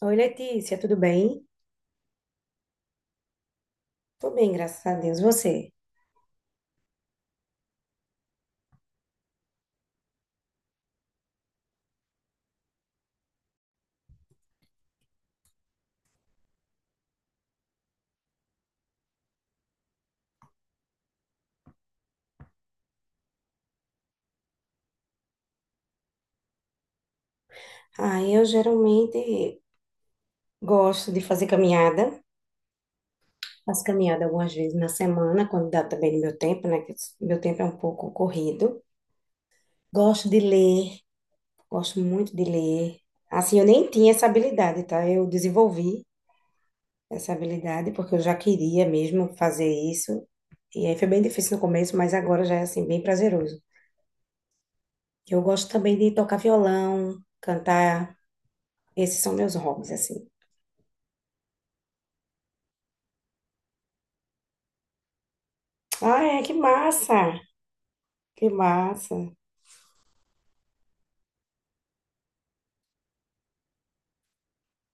Oi, Letícia, tudo bem? Tô bem, graças a Deus. Você? Ah, eu geralmente gosto de fazer caminhada. Faço caminhada algumas vezes na semana, quando dá também no meu tempo, né? Que meu tempo é um pouco corrido. Gosto de ler, gosto muito de ler. Assim, eu nem tinha essa habilidade, tá? Eu desenvolvi essa habilidade porque eu já queria mesmo fazer isso. E aí foi bem difícil no começo, mas agora já é assim, bem prazeroso. Eu gosto também de tocar violão, cantar. Esses são meus hobbies, assim. Ah, é, que massa! Que massa.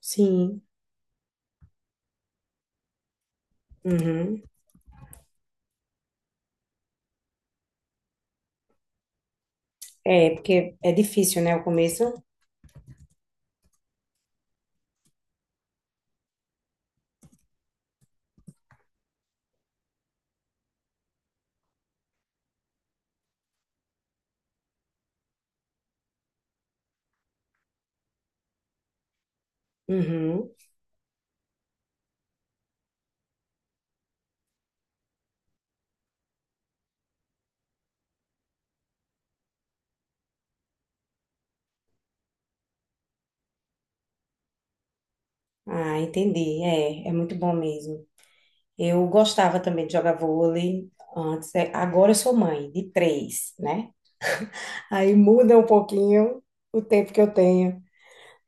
Sim. Uhum. É, porque é difícil, né, o começo? Uhum. Ah, entendi. É, é muito bom mesmo. Eu gostava também de jogar vôlei antes. É, agora eu sou mãe de três, né? Aí muda um pouquinho o tempo que eu tenho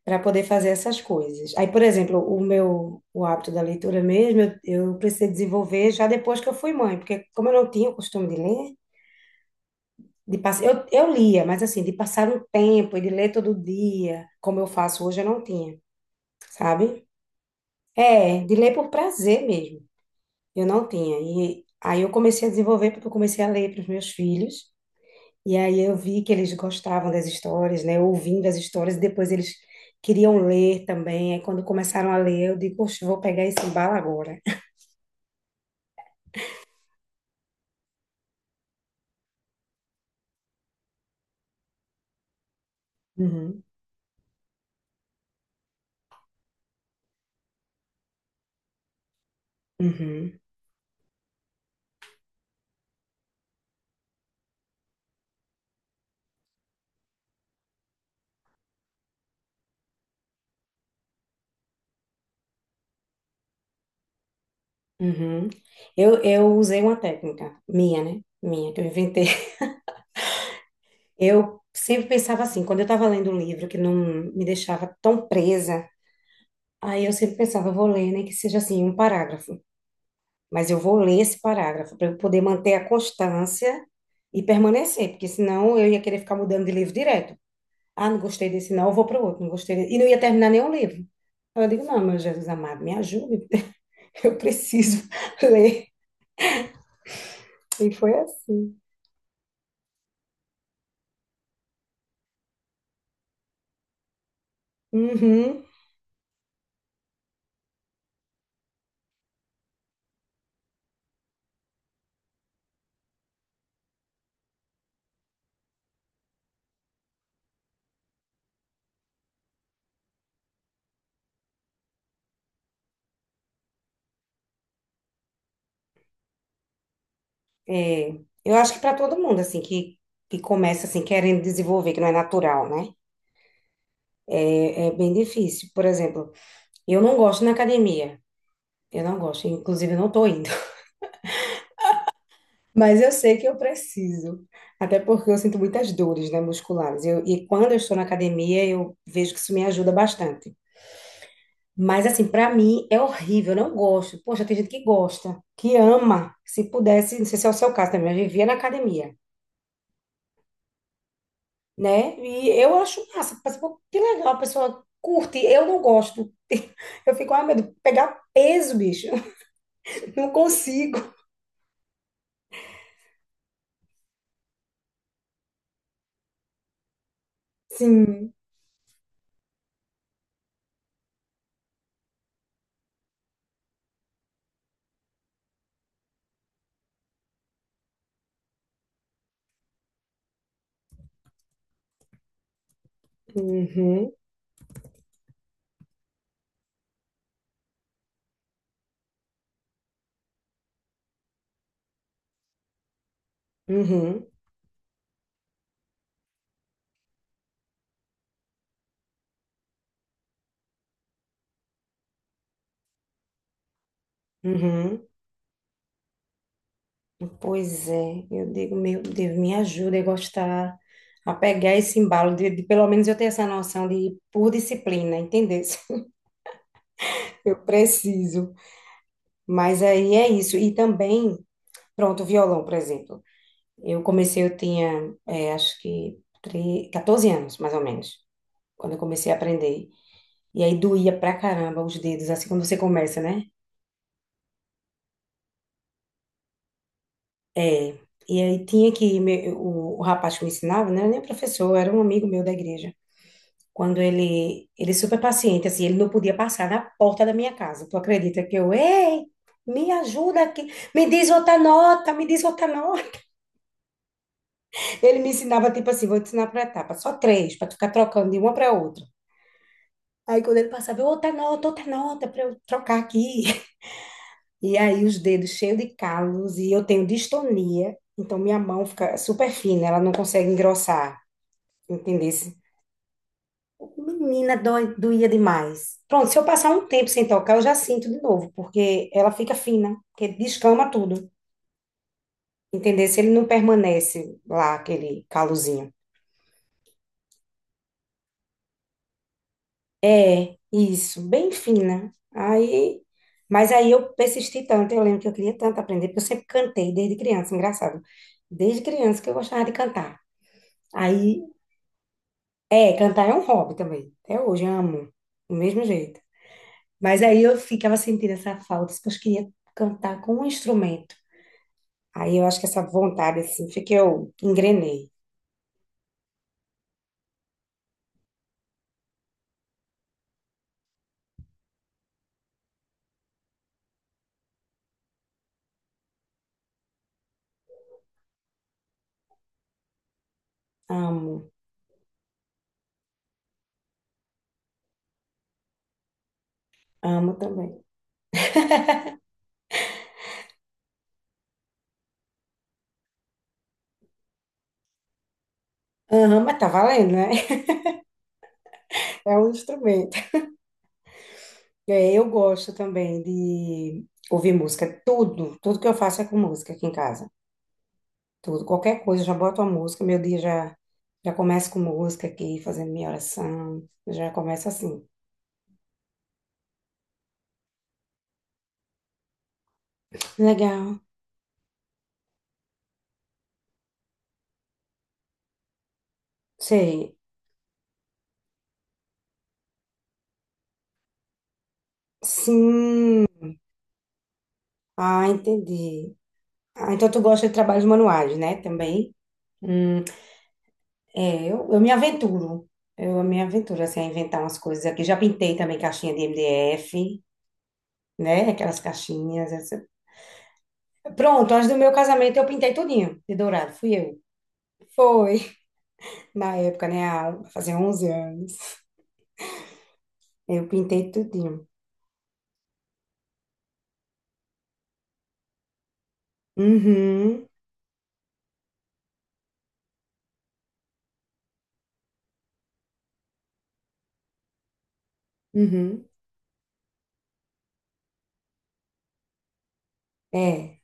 para poder fazer essas coisas. Aí, por exemplo, o hábito da leitura mesmo, eu precisei desenvolver já depois que eu fui mãe, porque como eu não tinha o costume de ler. Eu lia, mas assim, de passar um tempo e de ler todo dia, como eu faço hoje, eu não tinha, sabe? É, de ler por prazer mesmo, eu não tinha. E aí eu comecei a desenvolver, porque eu comecei a ler para os meus filhos, e aí eu vi que eles gostavam das histórias, né? Ouvindo as histórias, e depois eles queriam ler também. Aí quando começaram a ler, eu digo, poxa, eu vou pegar esse embalo agora. Uhum, uhum, uhum. Eu usei uma técnica minha, né? Minha, que eu inventei. Eu sempre pensava assim, quando eu estava lendo um livro que não me deixava tão presa, aí eu sempre pensava, eu vou ler, nem que seja assim, um parágrafo, mas eu vou ler esse parágrafo para eu poder manter a constância e permanecer, porque senão eu ia querer ficar mudando de livro direto. Ah, não gostei desse, não, eu vou para o outro, não gostei desse, e não ia terminar nenhum livro. Aí eu digo, não, meu Jesus amado, me ajude, eu preciso ler. E foi assim. Uhum. É, eu acho que para todo mundo, assim, que começa, assim, querendo desenvolver, que não é natural, né? É, é bem difícil. Por exemplo, eu não gosto na academia. Eu não gosto, inclusive eu não tô indo. Mas eu sei que eu preciso. Até porque eu sinto muitas dores, né, musculares. Eu, e quando eu estou na academia, eu vejo que isso me ajuda bastante. Mas, assim, para mim é horrível, eu não gosto. Poxa, tem gente que gosta, que ama. Se pudesse, não sei se é o seu caso também, eu vivia na academia. Né? E eu acho massa, mas, pô, que legal, a pessoa curte. Eu não gosto. Eu fico, ai, meu Deus, pegar peso, bicho. Não consigo. Sim. Uhum, uhum, uhum. Pois é, eu digo, meu Deus, me ajuda a gostar, a pegar esse embalo, de pelo menos eu ter essa noção de por disciplina, entendeu? Eu preciso. Mas aí é isso. E também, pronto, o violão, por exemplo. Eu comecei, eu tinha, é, acho que 14 anos, mais ou menos, quando eu comecei a aprender. E aí doía pra caramba os dedos, assim, quando você começa, né? É. E aí tinha que, o rapaz que me ensinava, não era nem professor, era um amigo meu da igreja. Quando ele, é super paciente, assim, ele não podia passar na porta da minha casa. Tu acredita que eu, ei, me ajuda aqui, me diz outra nota, me diz outra nota. Ele me ensinava, tipo assim, vou te ensinar por etapa, só três, pra tu ficar trocando de uma pra outra. Aí quando ele passava, eu, outra nota para eu trocar aqui. E aí os dedos cheios de calos e eu tenho distonia, então minha mão fica super fina, ela não consegue engrossar, entendesse? Menina, dói, doía demais. Pronto, se eu passar um tempo sem tocar, eu já sinto de novo, porque ela fica fina, porque descama tudo, entendesse? Ele não permanece lá, aquele calozinho. É, isso, bem fina. Aí, mas aí eu persisti tanto, eu lembro que eu queria tanto aprender, porque eu sempre cantei desde criança, engraçado. Desde criança que eu gostava de cantar. Aí, é, cantar é um hobby também. Até hoje eu amo, do mesmo jeito. Mas aí eu ficava sentindo essa falta, porque eu queria cantar com um instrumento. Aí eu acho que essa vontade, assim, foi que eu engrenei. Amo, amo também. Amo, mas tá valendo, né? É um instrumento. É, eu gosto também de ouvir música. Tudo, tudo que eu faço é com música aqui em casa. Tudo, qualquer coisa, eu já boto uma música, meu dia já, já começa com música aqui, fazendo minha oração. Já começa assim. Legal. Sei. Sim. Ah, entendi. Ah, então tu gosta de trabalhos manuais, né? Também. Hum, é, eu me aventuro. Eu me aventuro, assim, a inventar umas coisas aqui. Já pintei também caixinha de MDF, né? Aquelas caixinhas. Pronto, antes do meu casamento eu pintei tudinho de dourado, fui eu. Foi, na época, né, fazia 11 anos. Eu pintei tudinho. Uhum, uhum, é,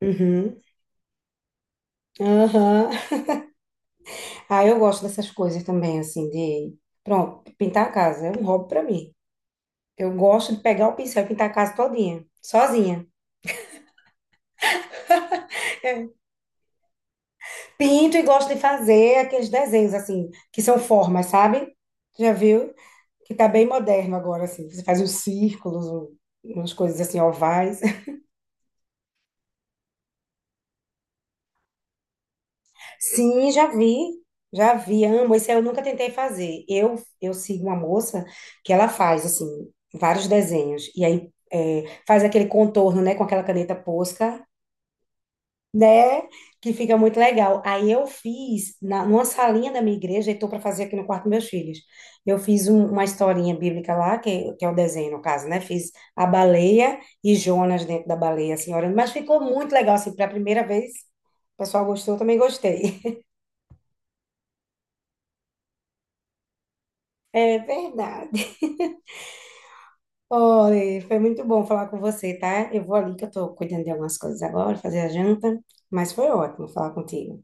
uhum, aham. Ah, eu gosto dessas coisas também, assim, de... Pronto, pintar a casa é um hobby pra mim. Eu gosto de pegar o pincel e pintar a casa todinha, sozinha. Pinto e gosto de fazer aqueles desenhos, assim, que são formas, sabe? Já viu? Que tá bem moderno agora, assim. Você faz uns círculos, umas coisas assim, ovais. Sim, já vi. Já vi, amo. Esse eu nunca tentei fazer. Eu sigo uma moça que ela faz, assim, vários desenhos. E aí é, faz aquele contorno, né, com aquela caneta Posca. Né? Que fica muito legal. Aí eu fiz, numa salinha da minha igreja, e estou para fazer aqui no quarto dos meus filhos. Eu fiz uma historinha bíblica lá, que é o desenho, no caso, né? Fiz a baleia e Jonas dentro da baleia, assim, orando. Mas ficou muito legal, assim, para a primeira vez. O pessoal gostou, eu também gostei. É verdade. Olha, foi muito bom falar com você, tá? Eu vou ali que eu tô cuidando de algumas coisas agora, fazer a janta, mas foi ótimo falar contigo.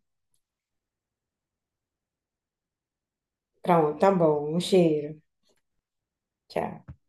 Pronto, tá bom. Um cheiro. Tchau.